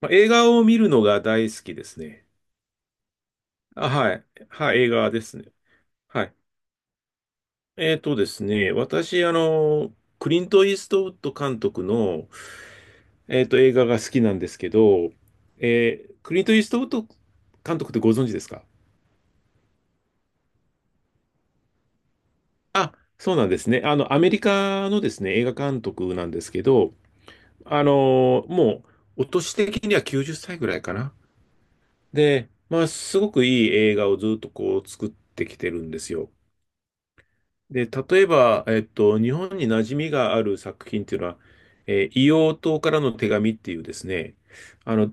まあ、映画を見るのが大好きですね。あ、はい。はい、映画ですね。はい。えっとですね、私、クリント・イーストウッド監督の、映画が好きなんですけど、クリント・イーストウッド監督ってご存知ですか？あ、そうなんですね。あの、アメリカのですね、映画監督なんですけど、あの、もう、お年的には90歳ぐらいかな。で、まあ、すごくいい映画をずっとこう作ってきてるんですよ。で、例えば、日本に馴染みがある作品っていうのは、硫黄島からの手紙っていうですね、あの、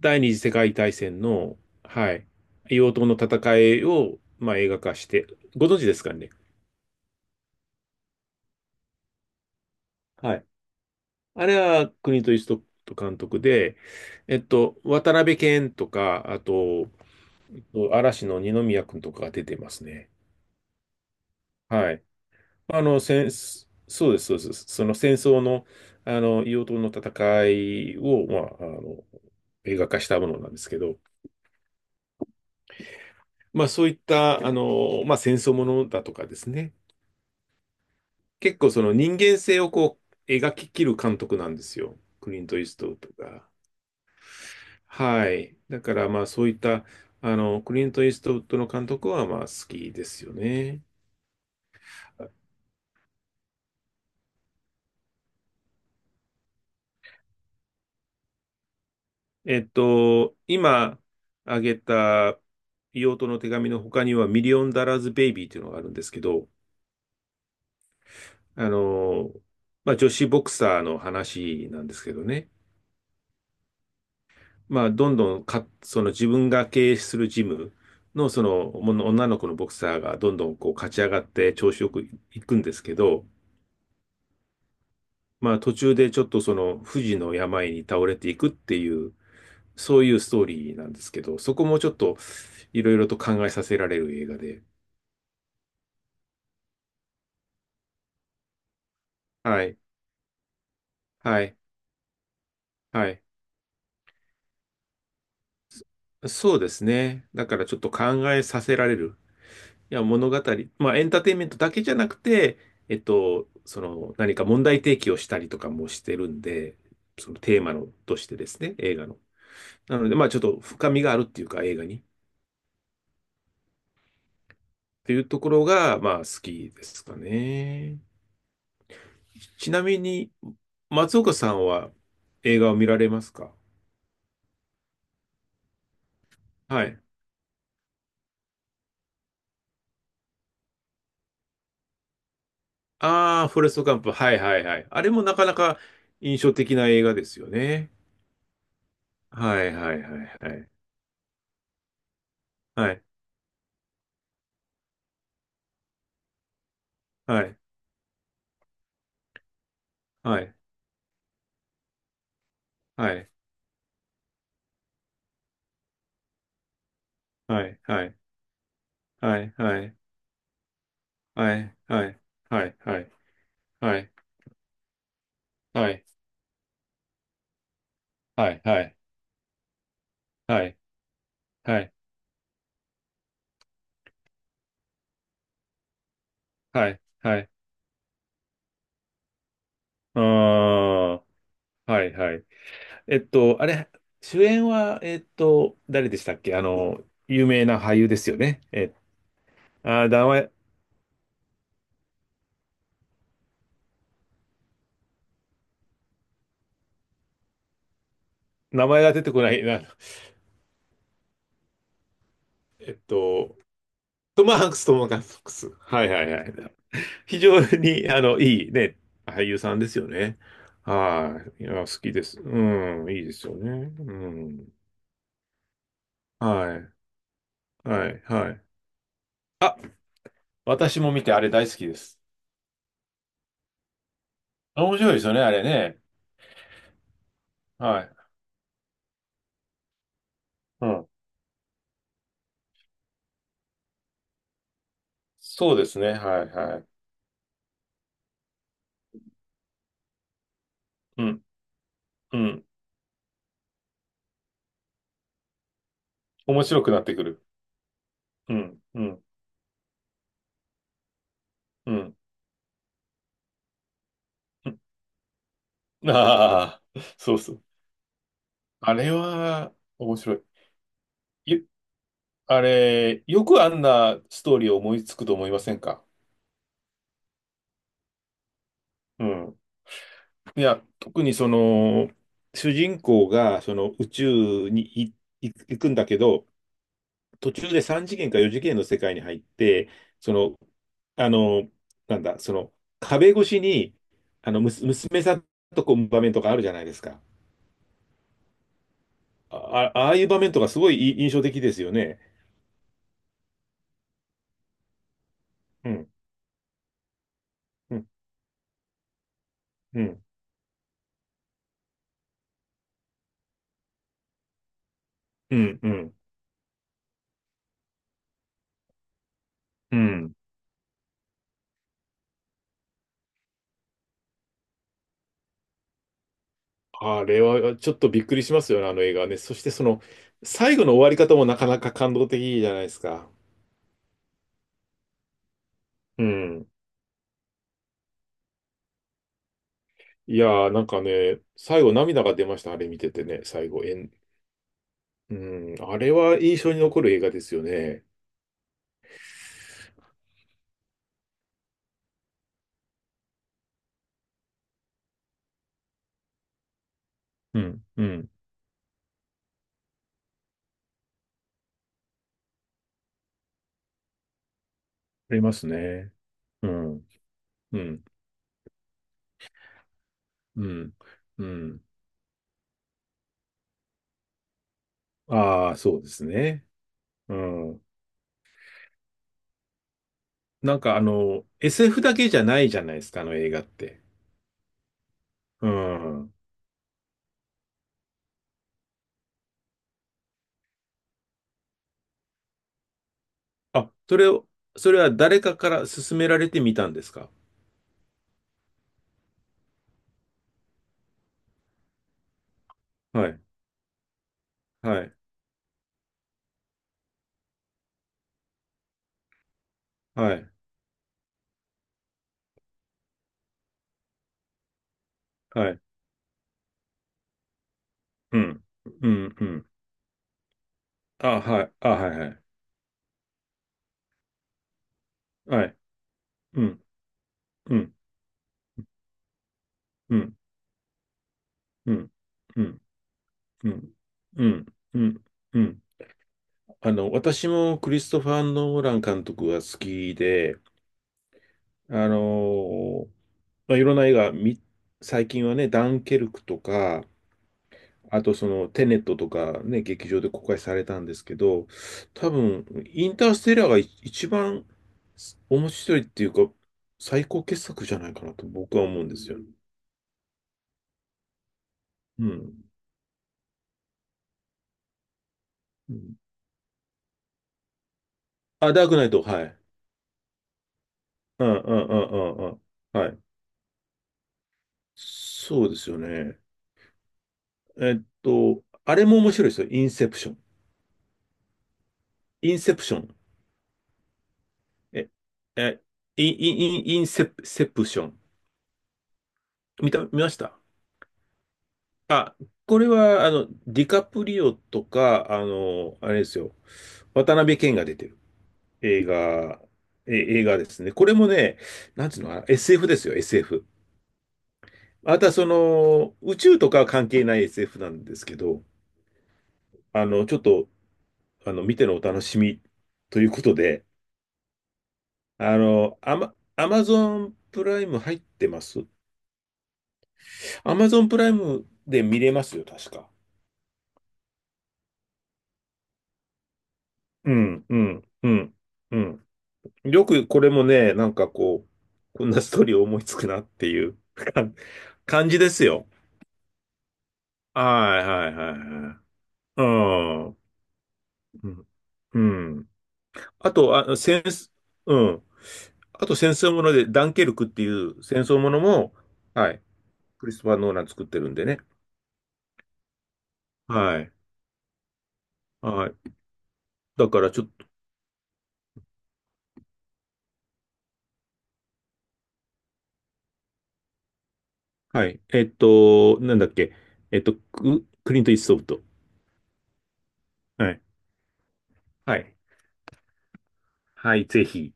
第二次世界大戦の、はい、硫黄島の戦いを、まあ、映画化して、ご存知ですかね。はい。あれは国とストップ監督で、渡辺謙とか、あと、嵐の二宮君とかが出てますね。はい。あの、戦そうです、そうです。その戦争の、あの、硫黄島の戦いを、まあ、あの、映画化したものなんですけど、まあ、そういった、あの、まあ、戦争ものだとかですね。結構その人間性をこう、描ききる監督なんですよ。クリント・イーストウッドが。はい。だから、まあ、そういった、あの、クリント・イーストウッドの監督は、まあ、好きですよね。今あげた硫黄トの手紙の他には、ミリオンダラーズ・ベイビーというのがあるんですけど、あの、まあ、女子ボクサーの話なんですけどね、まあ、どんどんか、その自分が経営するジムの、そのもの女の子のボクサーがどんどんこう勝ち上がって調子よくいくんですけど、まあ、途中でちょっとその不治の病に倒れていくっていう、そういうストーリーなんですけど、そこもちょっといろいろと考えさせられる映画で、はい。はい。はい。そうですね。だからちょっと考えさせられる。いや、物語。まあ、エンターテインメントだけじゃなくて、その、何か問題提起をしたりとかもしてるんで、そのテーマの、としてですね、映画の。なので、まあ、ちょっと深みがあるっていうか、映画に。っていうところが、まあ、好きですかね。ちなみに、松岡さんは映画を見られますか？はい。ああ、フォレストガンプ。はいはいはい。あれもなかなか印象的な映画ですよね。はいはいはいはい。はいはいはいはい。はいはいはいはい。はいはいはいはい。はいはいはいはい。はいはい。はいああ、はいはい。あれ、主演は誰でしたっけ？あの有名な俳優ですよね。名前、名前が出てこないな。えっとトム・ハンクス、トム・ハンクス、はいはいはい。非常に、あの、いいね、俳優さんですよね。はい。いや、好きです。うん、いいですよね。うん。はい。はい。はい。あ、私も見てあれ大好きです。面白いですよね、あれね。はい。うん。そうですね。はい。はい。うん。うん。面白くなってくる。うん。うん。うん。うん。ああ、そうそう。あれは、面白い。ゆあれ、よくあんなストーリーを思いつくと思いませんか？うん。いや、特にその、主人公がその宇宙に行くんだけど、途中で3次元か4次元の世界に入って、その、あの、なんだ、その、壁越しに、あの、娘さんとこう場面とかあるじゃないですか。ああ、ああいう場面とかすごい印象的ですよね。うん、うん、うん、うん、うん。うん。あれはちょっとびっくりしますよね、あの映画はね。そしてその、最後の終わり方もなかなか感動的じゃないですか。うん。いやー、なんかね、最後涙が出ました、あれ見ててね、最後、うん、あれは印象に残る映画ですよね。うん、うん、ありますね。うん、うん、うん、うん。ああ、そうですね。うん。なんかあの、SF だけじゃないじゃないですか、あの映画って。うん。あ、それを、それは誰かから勧められてみたんですか？はい、はい、はい、はい。うん、うん、うん。あ、はい、あ、はい、はい。はい、うん、うん。うん、うん、うん、うん、うん、うん、うん。あの、私もクリストファー・ノーラン監督が好きで、あの、まあ、いろんな映画み最近はね、ダンケルクとか、あとそのテネットとかね、劇場で公開されたんですけど、多分、インターステラーが一番面白いっていうか、最高傑作じゃないかなと僕は思うんですよ。うん。うん。あ、ダークナイト、はい。うん、うん、うん、うん、うん。はい。そうですよね。あれも面白いですよ。インセプション。インセプション。え、え、インインセプ、セプション。見ました？これは、あの、ディカプリオとか、あの、あれですよ。渡辺謙が出てる映画、え、映画ですね。これもね、なんつうのかな、SF ですよ、SF。また、その、宇宙とかは関係ない SF なんですけど、あの、ちょっと、あの、見てのお楽しみということで、あの、アマゾンプライム入ってます？アマゾンプライムで見れますよ、確か。うん、うん、うん、うん。よくこれもね、なんかこう、こんなストーリー思いつくなっていう 感感じですよ。はいはいはいはい。うん。うん。うん。あと、あ、戦、うん。あと戦争もので、ダンケルクっていう戦争ものも、はい。クリストファー・ノーラン作ってるんでね。はい。はい。だからちょっと、はい。なんだっけ。クリント・イーストウッド。はい。はい。はい、ぜひ。